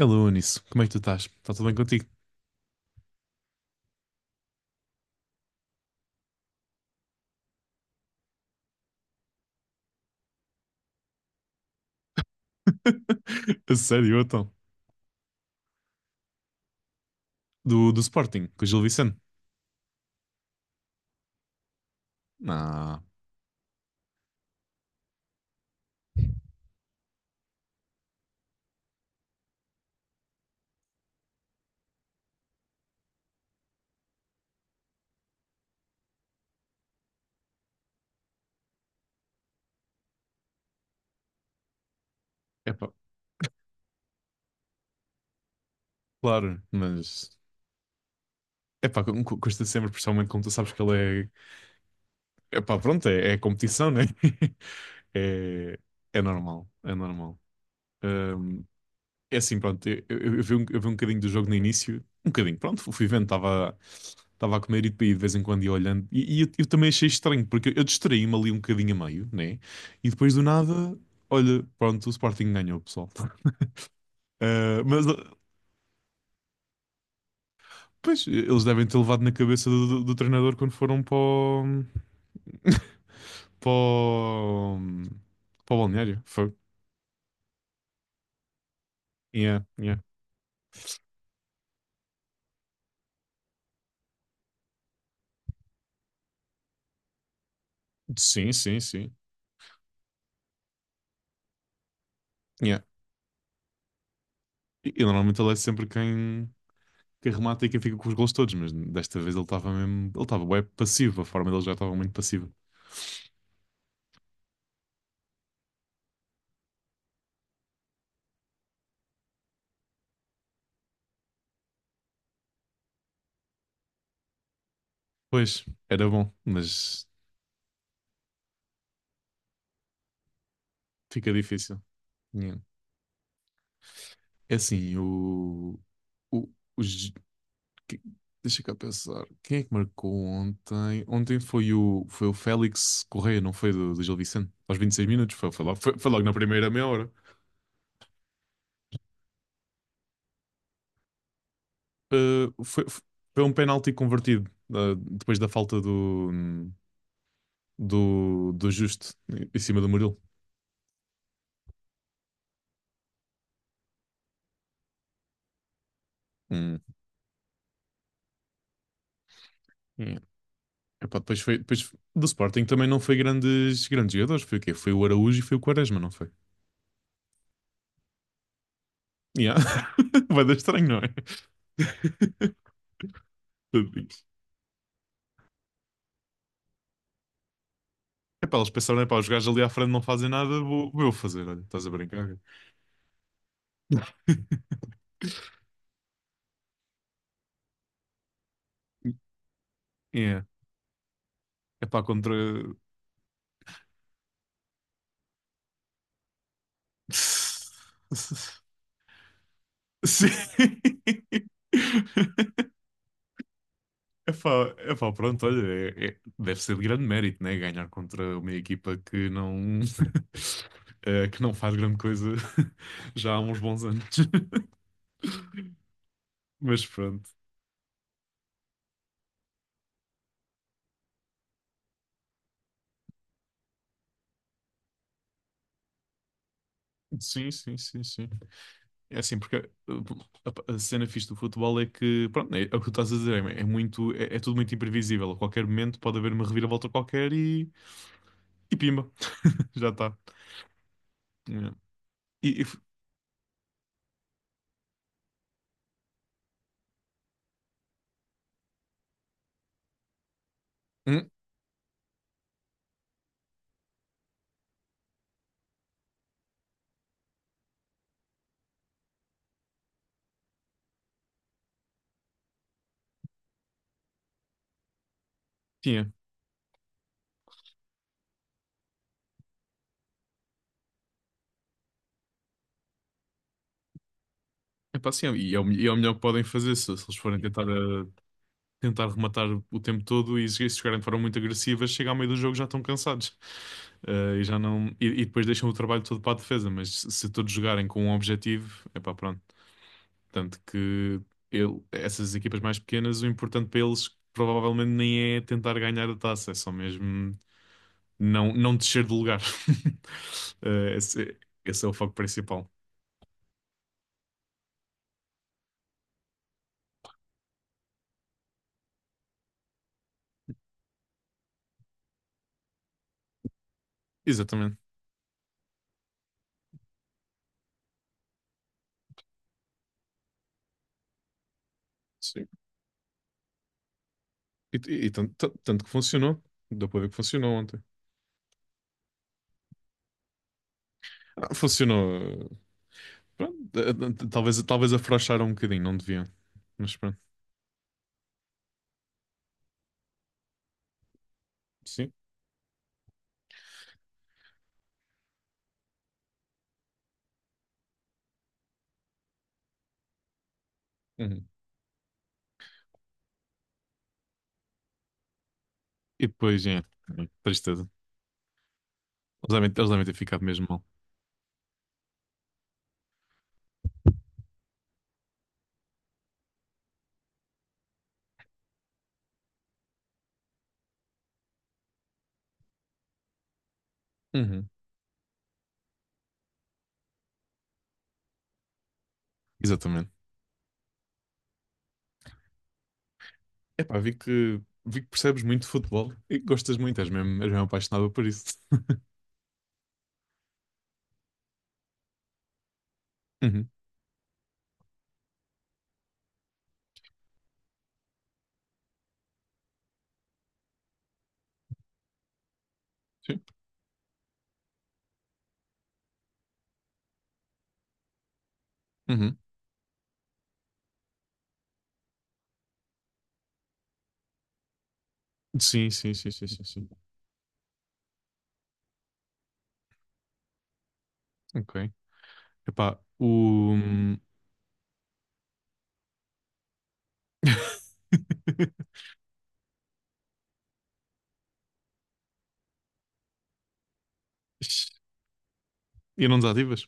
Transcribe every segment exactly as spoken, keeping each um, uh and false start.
Alô, Anísio, como é que tu estás? Está tudo bem contigo? A sério, então? Do, do Sporting, com o Gil Vicente? Ah, epá, claro, mas... Epá, cu- cu- custa sempre, principalmente como tu sabes que ele é... Epá, pronto, é, é competição, né? É, é normal, é normal. É assim, pronto, eu, eu- eu vi um, eu vi um bocadinho do jogo no início, um bocadinho, pronto, fui vendo, estava estava a comer e depois de vez em quando ia olhando, e, e eu, eu também achei estranho, porque eu distraí-me ali um bocadinho a meio, né? E depois do nada, olha, pronto, o Sporting ganhou, pessoal. Eh, mas, eh, pois, eles devem ter levado na cabeça do, do- do treinador quando foram para o, para o, para o balneário, foi. Yeah, yeah. Sim, sim, sim. Yeah. E, e normalmente ele é sempre quem. Que remata e quem fica com os gols todos, mas desta vez ele estava mesmo, ele estava bem passivo, a forma dele já estava muito passiva. Pois, era bom, mas fica difícil. Yeah. É assim, o, o, os- que- deixa cá pensar, quem é que marcou ontem? Ontem foi o, foi o Félix Correia, não foi do, do Gil Vicente? Aos vinte e seis minutos, foi, foi logo, foi, foi logo na primeira meia hora. Uh, foi, foi um penalti convertido, uh, depois da falta do, do, do Justo em cima do Murilo. Hum. Yeah. Epá, depois foi, depois do Sporting também não foi grandes, grandes jogadores. Foi o quê? Foi o Araújo e foi o Quaresma, não foi? Yeah. Vai dar estranho, não é? Epá, eles pensaram, epá, os gajos ali à frente não fazem nada, vou, vou eu fazer, olha, estás a brincar? É yeah. Epá, contra... Sim. Epá, epá, pronto, olha, é- é- deve ser de grande mérito, né? Ganhar contra uma equipa que não, eh, que não faz grande coisa já há uns bons anos. Mas pronto. Sim, sim, sim, sim. É assim, porque uh, a, a cena fixe do futebol é que, pronto, é, é o que tu estás a dizer, é, é muito, é, é tudo muito imprevisível. A qualquer momento pode haver uma reviravolta qualquer e, e pimba, já está. E, e f- hum, tinha. É pá, sim, e é o, e é o melhor que podem fazer se, se eles forem tentar eh, tentar rematar o tempo todo e se se jogarem de forma muito agressiva, chega ao meio do jogo já estão cansados. Eh, e já não e, e depois deixam o trabalho todo para a defesa, mas se se todos jogarem com um objetivo, é pá, pronto. Tanto que ele- essas equipas mais pequenas, o importante para eles provavelmente nem é tentar ganhar a taça, é só mesmo não, não descer de lugar. Eh, esse, esse é o foco principal. Exatamente. Sim. E, e- e tanto, tanto que funcionou. Deu para ver que funcionou ontem. Ah, funcionou. Pronto, eh, talvez, talvez afrouxaram um bocadinho, não deviam. Mas pronto, sim. Uhum. E depois, é, tristeza. Eles devem, eles devem ter ficado mesmo mal. Uhum. Exatamente. Epá, vi que, vi que percebes muito de futebol e que gostas muito, és mesmo, és mesmo apaixonado por isso. Uhum. Sim. Uhum. Sim, sim, sim, sim, sim, sim. Ok. Epá, o... E não desativas?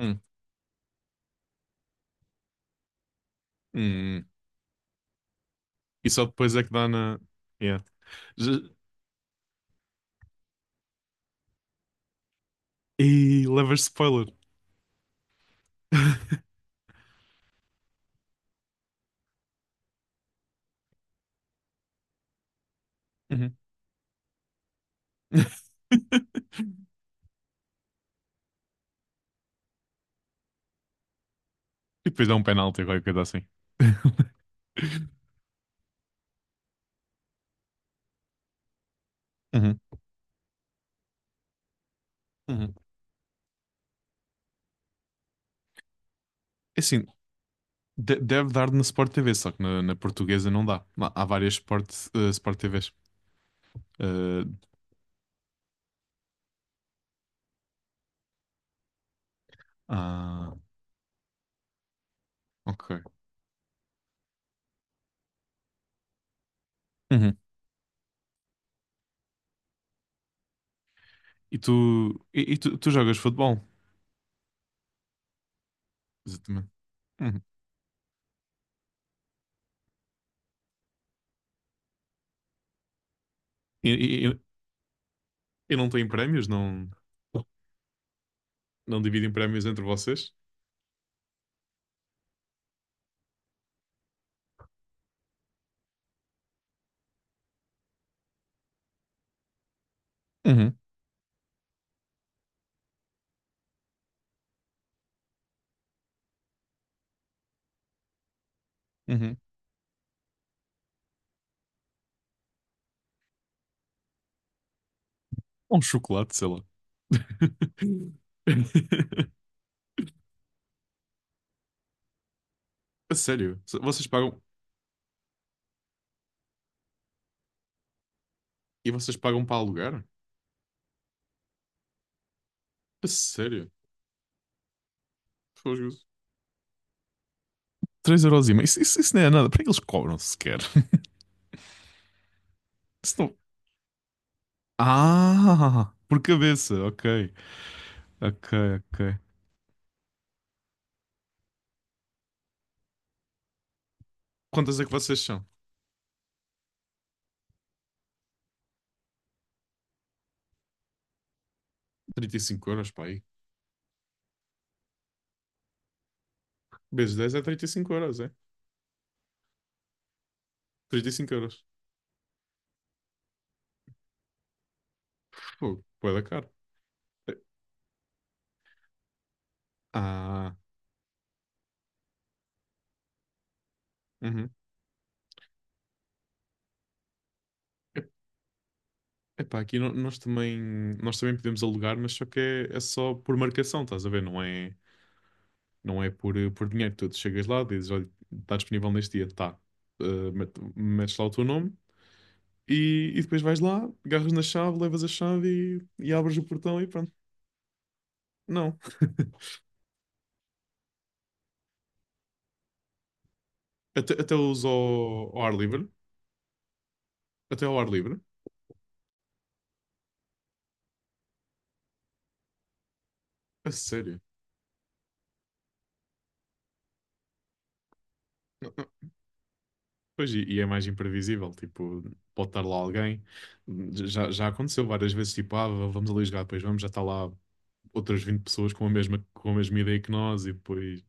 Hum. Hum. E só depois é que dá na... Yeah. Já- e levas spoiler. Uhum. E depois dá um penalti ou qualquer coisa assim. Uhum, uhum. É assim, de- deve dar na Sport T V, só que na, na portuguesa não dá. Lá há várias Sport, eh, Sport T V s. Eh, ah, ok. Uhum. E tu, e, e tu, tu jogas futebol? Exatamente. Uhum. E, e- e- e não tem prémios? Não, não dividem prémios entre vocês? Uhum, uhum. Ou um chocolate, sei lá. A sério? Vocês pagam. E vocês pagam para alugar? A sério? Fogo. três euros e meio. Isso, isso, isso não é nada. Para que eles cobram sequer? Isso não... Ah, por cabeça. Ok, ok, ok. Quantas é que vocês são? Trinta e cinco euros, pá. Aí. Vezes dez é trinta e cinco euros, é? trinta e cinco euros. Fogo, pô da caro. É- Ah, uhum. É- epá, aqui no- nós também, nós também podemos alugar, mas só que é, é só por marcação, estás a ver? Não é, não é por, por dinheiro. Tu chegas lá, dizes, olha, está disponível neste dia, tá. Eh, met- metes lá o teu nome. E, e depois vais lá, agarras na chave, levas a chave e, e abres o portão e pronto. Não. Até, até os ao, ao ar livre. Até ao ar livre. A sério. Não, não. Pois, e, e é mais imprevisível. Tipo, pode estar lá alguém. Já, já aconteceu várias vezes. Tipo, ah, vamos ali jogar, depois vamos, já está lá outras vinte pessoas com a mesma, com a mesma ideia que nós e depois,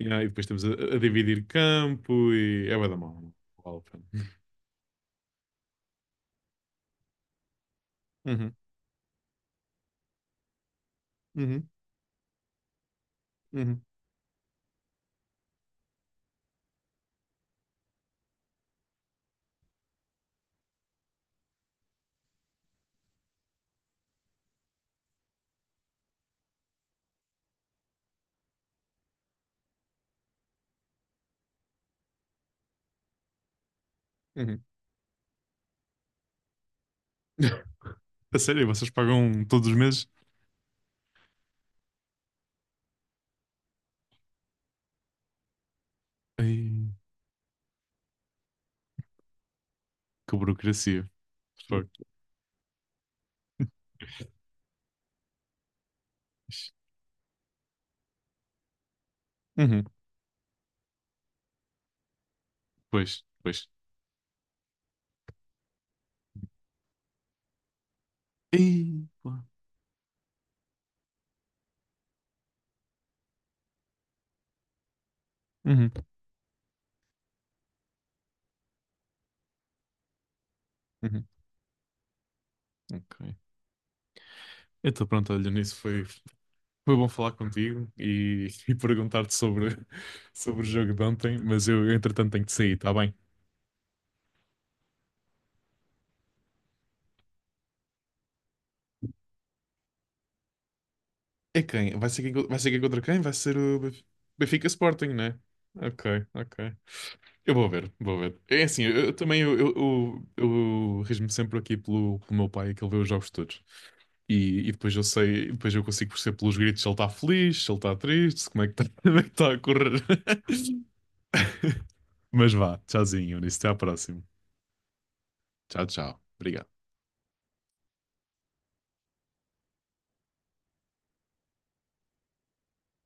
yeah, e depois estamos a, a dividir campo e é bué da mal. Não vale a pena. Uhum, uhum, uhum, uhum. A sério, vocês pagam todos os meses? Ei, que burocracia. Fuck. Uhum. Pois, pois. Ei, pá. Uhum. Uhum. Ok. Então pronto, olha, nisso foi, foi bom falar contigo e, e perguntar-te sobre, sobre o jogo de ontem, mas eu entretanto tenho que sair, tá bem? É quem? Vai ser quem, vai ser quem contra quem? Vai ser o Benf- Benfica Sporting, né? Ok, ok. Eu vou ver, vou ver. É assim, eu, eu também eu, eu, eu, eu rejo-me sempre aqui pelo, pelo meu pai que ele vê os jogos todos. E, e depois eu sei, depois eu consigo perceber pelos gritos se ele está feliz, se ele está triste, se como é que está, como é que está a correr. Mas vá, tchauzinho, Eunice, até à próxima. Tchau, tchau. Obrigado.